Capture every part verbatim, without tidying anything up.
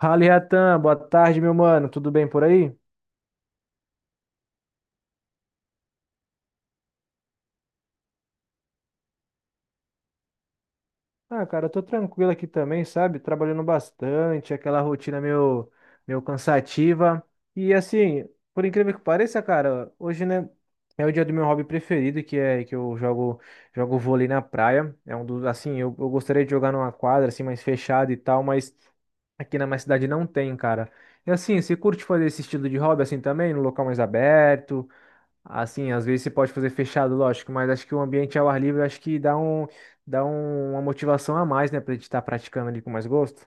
Fala, Iatan, boa tarde, meu mano. Tudo bem por aí? Ah, cara, eu tô tranquilo aqui também, sabe? Trabalhando bastante, aquela rotina meio, meio cansativa. E assim, por incrível que pareça, cara, hoje, né, é o dia do meu hobby preferido, que é que eu jogo jogo vôlei na praia. É um dos, assim, eu, eu gostaria de jogar numa quadra assim mais fechada e tal, mas aqui na minha cidade não tem, cara. E assim, você curte fazer esse estilo de hobby assim também, no local mais aberto? Assim, às vezes você pode fazer fechado, lógico, mas acho que o ambiente ao ar livre acho que dá um, dá um- uma motivação a mais, né, pra gente estar praticando ali com mais gosto.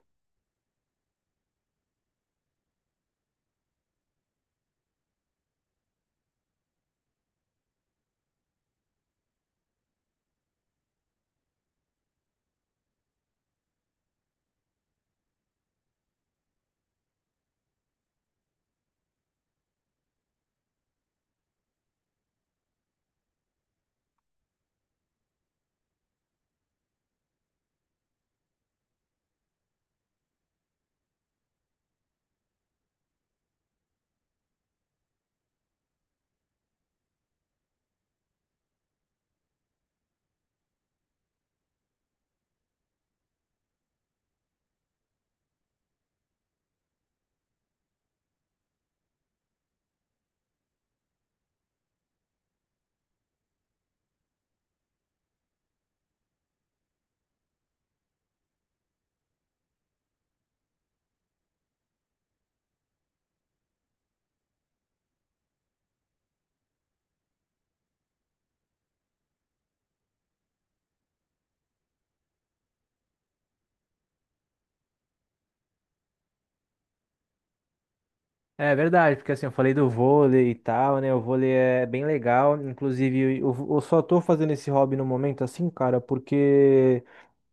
É verdade, porque assim, eu falei do vôlei e tal, né? O vôlei é bem legal. Inclusive, eu, eu só tô fazendo esse hobby no momento, assim, cara, porque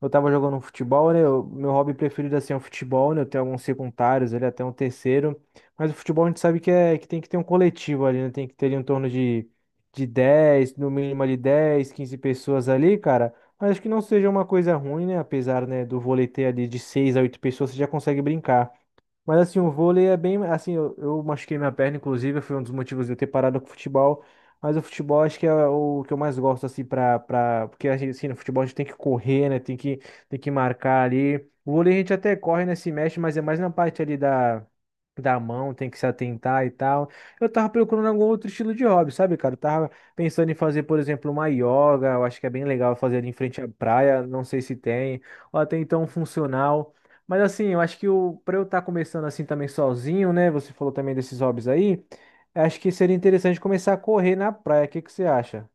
eu tava jogando um futebol, né? O meu hobby preferido assim é o futebol, né? Eu tenho alguns secundários, ele até um terceiro. Mas o futebol a gente sabe que é que tem que ter um coletivo ali, né? Tem que ter ali em torno de, de dez no mínimo ali dez quinze pessoas ali, cara. Mas acho que não seja uma coisa ruim, né? Apesar, né, do vôlei ter ali de seis a oito pessoas, você já consegue brincar. Mas assim, o vôlei é bem. Assim, eu, eu machuquei minha perna, inclusive, foi um dos motivos de eu ter parado com o futebol. Mas o futebol acho que é o que eu mais gosto, assim, pra, pra... Porque assim, assim, no futebol a gente tem que correr, né? Tem que, tem que marcar ali. O vôlei a gente até corre, né? Se mexe, mas é mais na parte ali da. Da mão, tem que se atentar e tal. Eu tava procurando algum outro estilo de hobby, sabe, cara? Eu tava pensando em fazer, por exemplo, uma yoga. Eu acho que é bem legal fazer ali em frente à praia. Não sei se tem. Ou até então um funcional. Mas assim, eu acho que o para eu estar começando assim também sozinho, né? Você falou também desses hobbies aí. Acho que seria interessante começar a correr na praia. O que que você acha?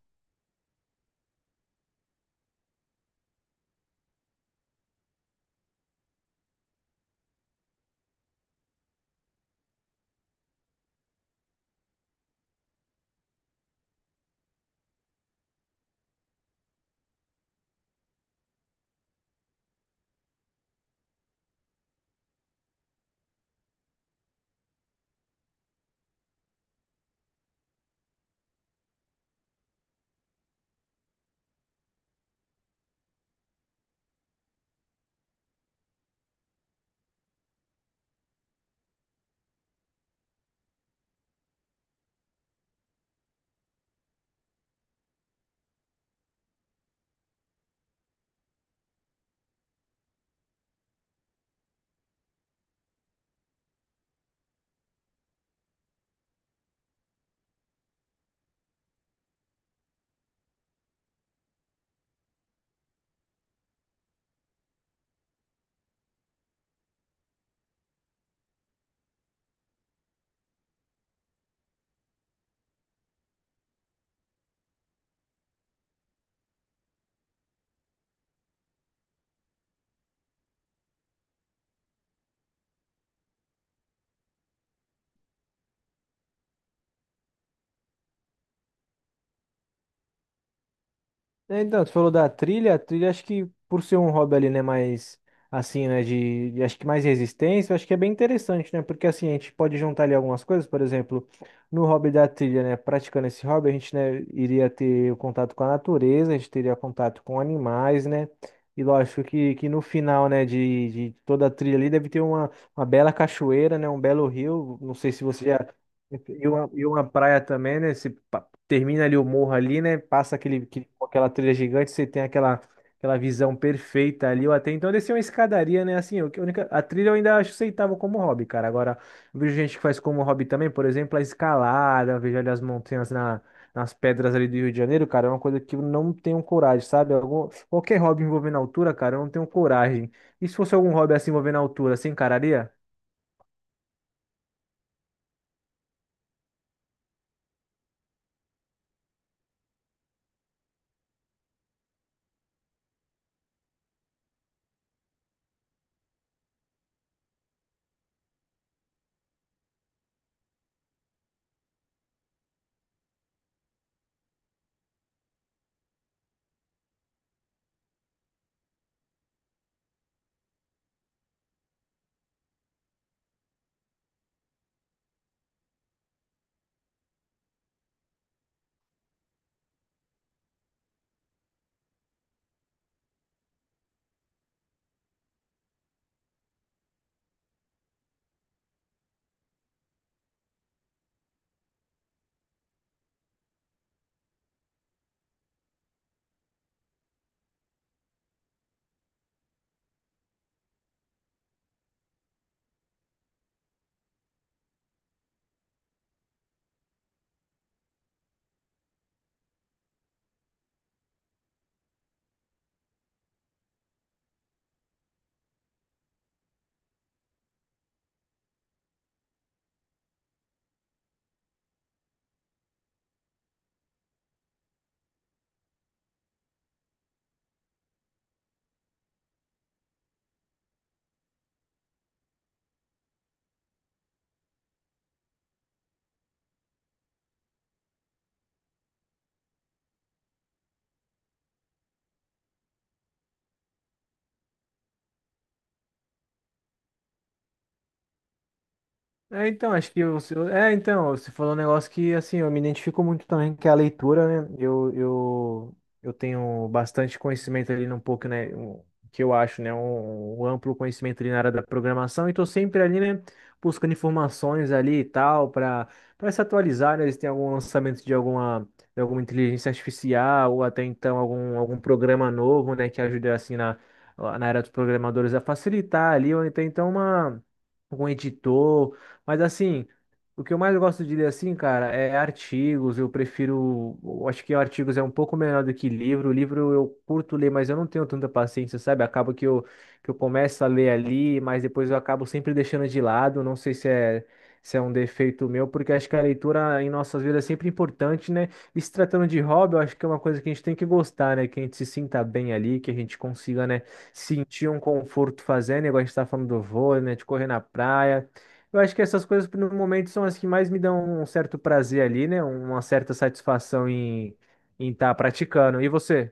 É, então, tu falou da trilha, a trilha acho que por ser um hobby ali, né, mais assim, né, de, de- acho que mais resistência, acho que é bem interessante, né, porque assim, a gente pode juntar ali algumas coisas, por exemplo, no hobby da trilha, né, praticando esse hobby, a gente, né, iria ter o contato com a natureza, a gente teria contato com animais, né, e lógico que, que no final, né, de, de toda a trilha ali deve ter uma, uma bela cachoeira, né, um belo rio, não sei se você já... E uma, e uma praia também, né? Se termina ali o morro ali, né? Passa aquele, aquele- aquela trilha gigante, você tem aquela, aquela visão perfeita ali. Eu até então desci uma escadaria, né? Assim, eu- que a única, a trilha eu ainda acho aceitável como hobby, cara. Agora, eu vejo gente que faz como hobby também, por exemplo, a escalada, eu vejo ali as montanhas na, nas pedras ali do Rio de Janeiro, cara, é uma coisa que eu não tenho coragem, sabe? Algum, qualquer hobby envolvendo altura, cara, eu não tenho coragem. E se fosse algum hobby assim envolvendo altura, você encararia? É, então, acho que você. É, então, você falou um negócio que, assim, eu me identifico muito também, que é a leitura, né? Eu, eu, eu tenho bastante conhecimento ali, um pouco, né? Um- que eu acho, né? Um, um amplo conhecimento ali na área da programação, e tô sempre ali, né? Buscando informações ali e tal, para para se atualizar, né? Se tem algum lançamento de alguma, de alguma inteligência artificial, ou até então algum, algum programa novo, né? Que ajude, assim, na, na era dos programadores a facilitar ali, ou até então uma. Algum editor. Mas assim, o que eu mais gosto de ler assim, cara, é artigos. Eu prefiro, eu acho que artigos é um pouco melhor do que livro. Livro eu curto ler, mas eu não tenho tanta paciência, sabe? Acaba que eu que eu começo a ler ali, mas depois eu acabo sempre deixando de lado. Não sei se é se é um defeito meu, porque acho que a leitura em nossas vidas é sempre importante, né? E se tratando de hobby, eu acho que é uma coisa que a gente tem que gostar, né? Que a gente se sinta bem ali, que a gente consiga, né, sentir um conforto fazendo, igual a gente tá falando do vôlei, né, de correr na praia. Eu acho que essas coisas no momento são as que mais me dão um certo prazer ali, né? Uma certa satisfação em em estar praticando. E você?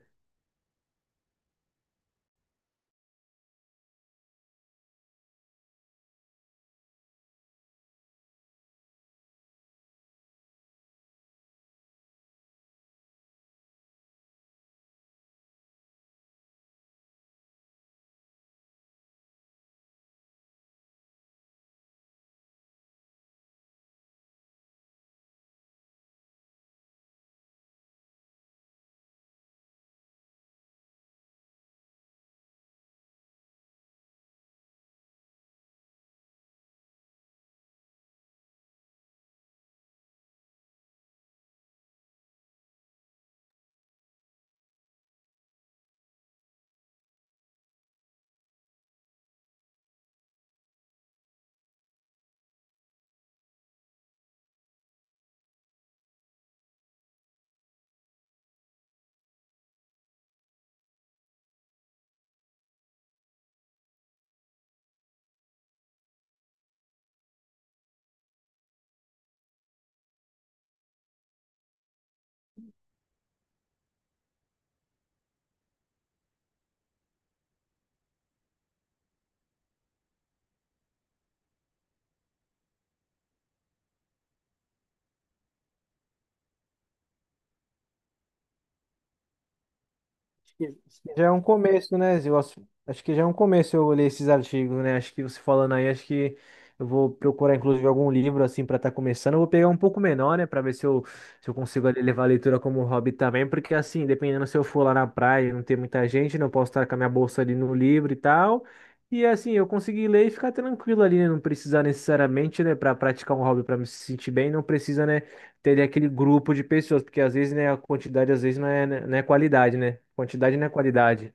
Que já é um começo, né, Zil? Acho acho que já é um começo eu ler esses artigos, né? Acho que você falando aí, acho que eu vou procurar, inclusive, algum livro, assim, para estar começando. Eu vou pegar um pouco menor, né, para ver se eu, se eu consigo ali levar a leitura como hobby também, porque, assim, dependendo se eu for lá na praia e não tem muita gente, não posso estar com a minha bolsa ali no livro e tal. E, assim, eu conseguir ler e ficar tranquilo ali, né? Não precisar necessariamente, né, para praticar um hobby, para me sentir bem, não precisa, né? Teria aquele grupo de pessoas, porque às vezes, né, a quantidade às vezes não é, não é qualidade, né? Quantidade não é qualidade.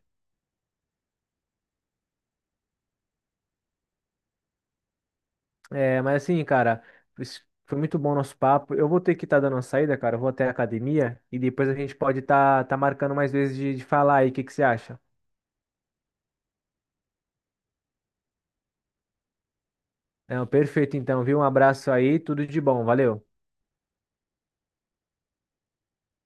É, mas assim, cara, isso- foi muito bom o nosso papo. Eu vou ter que estar dando uma saída, cara. Eu vou até a academia e depois a gente pode estar tá, tá marcando mais vezes de, de falar aí. O que que você acha? Não, perfeito, então, viu? Um abraço aí, tudo de bom, valeu.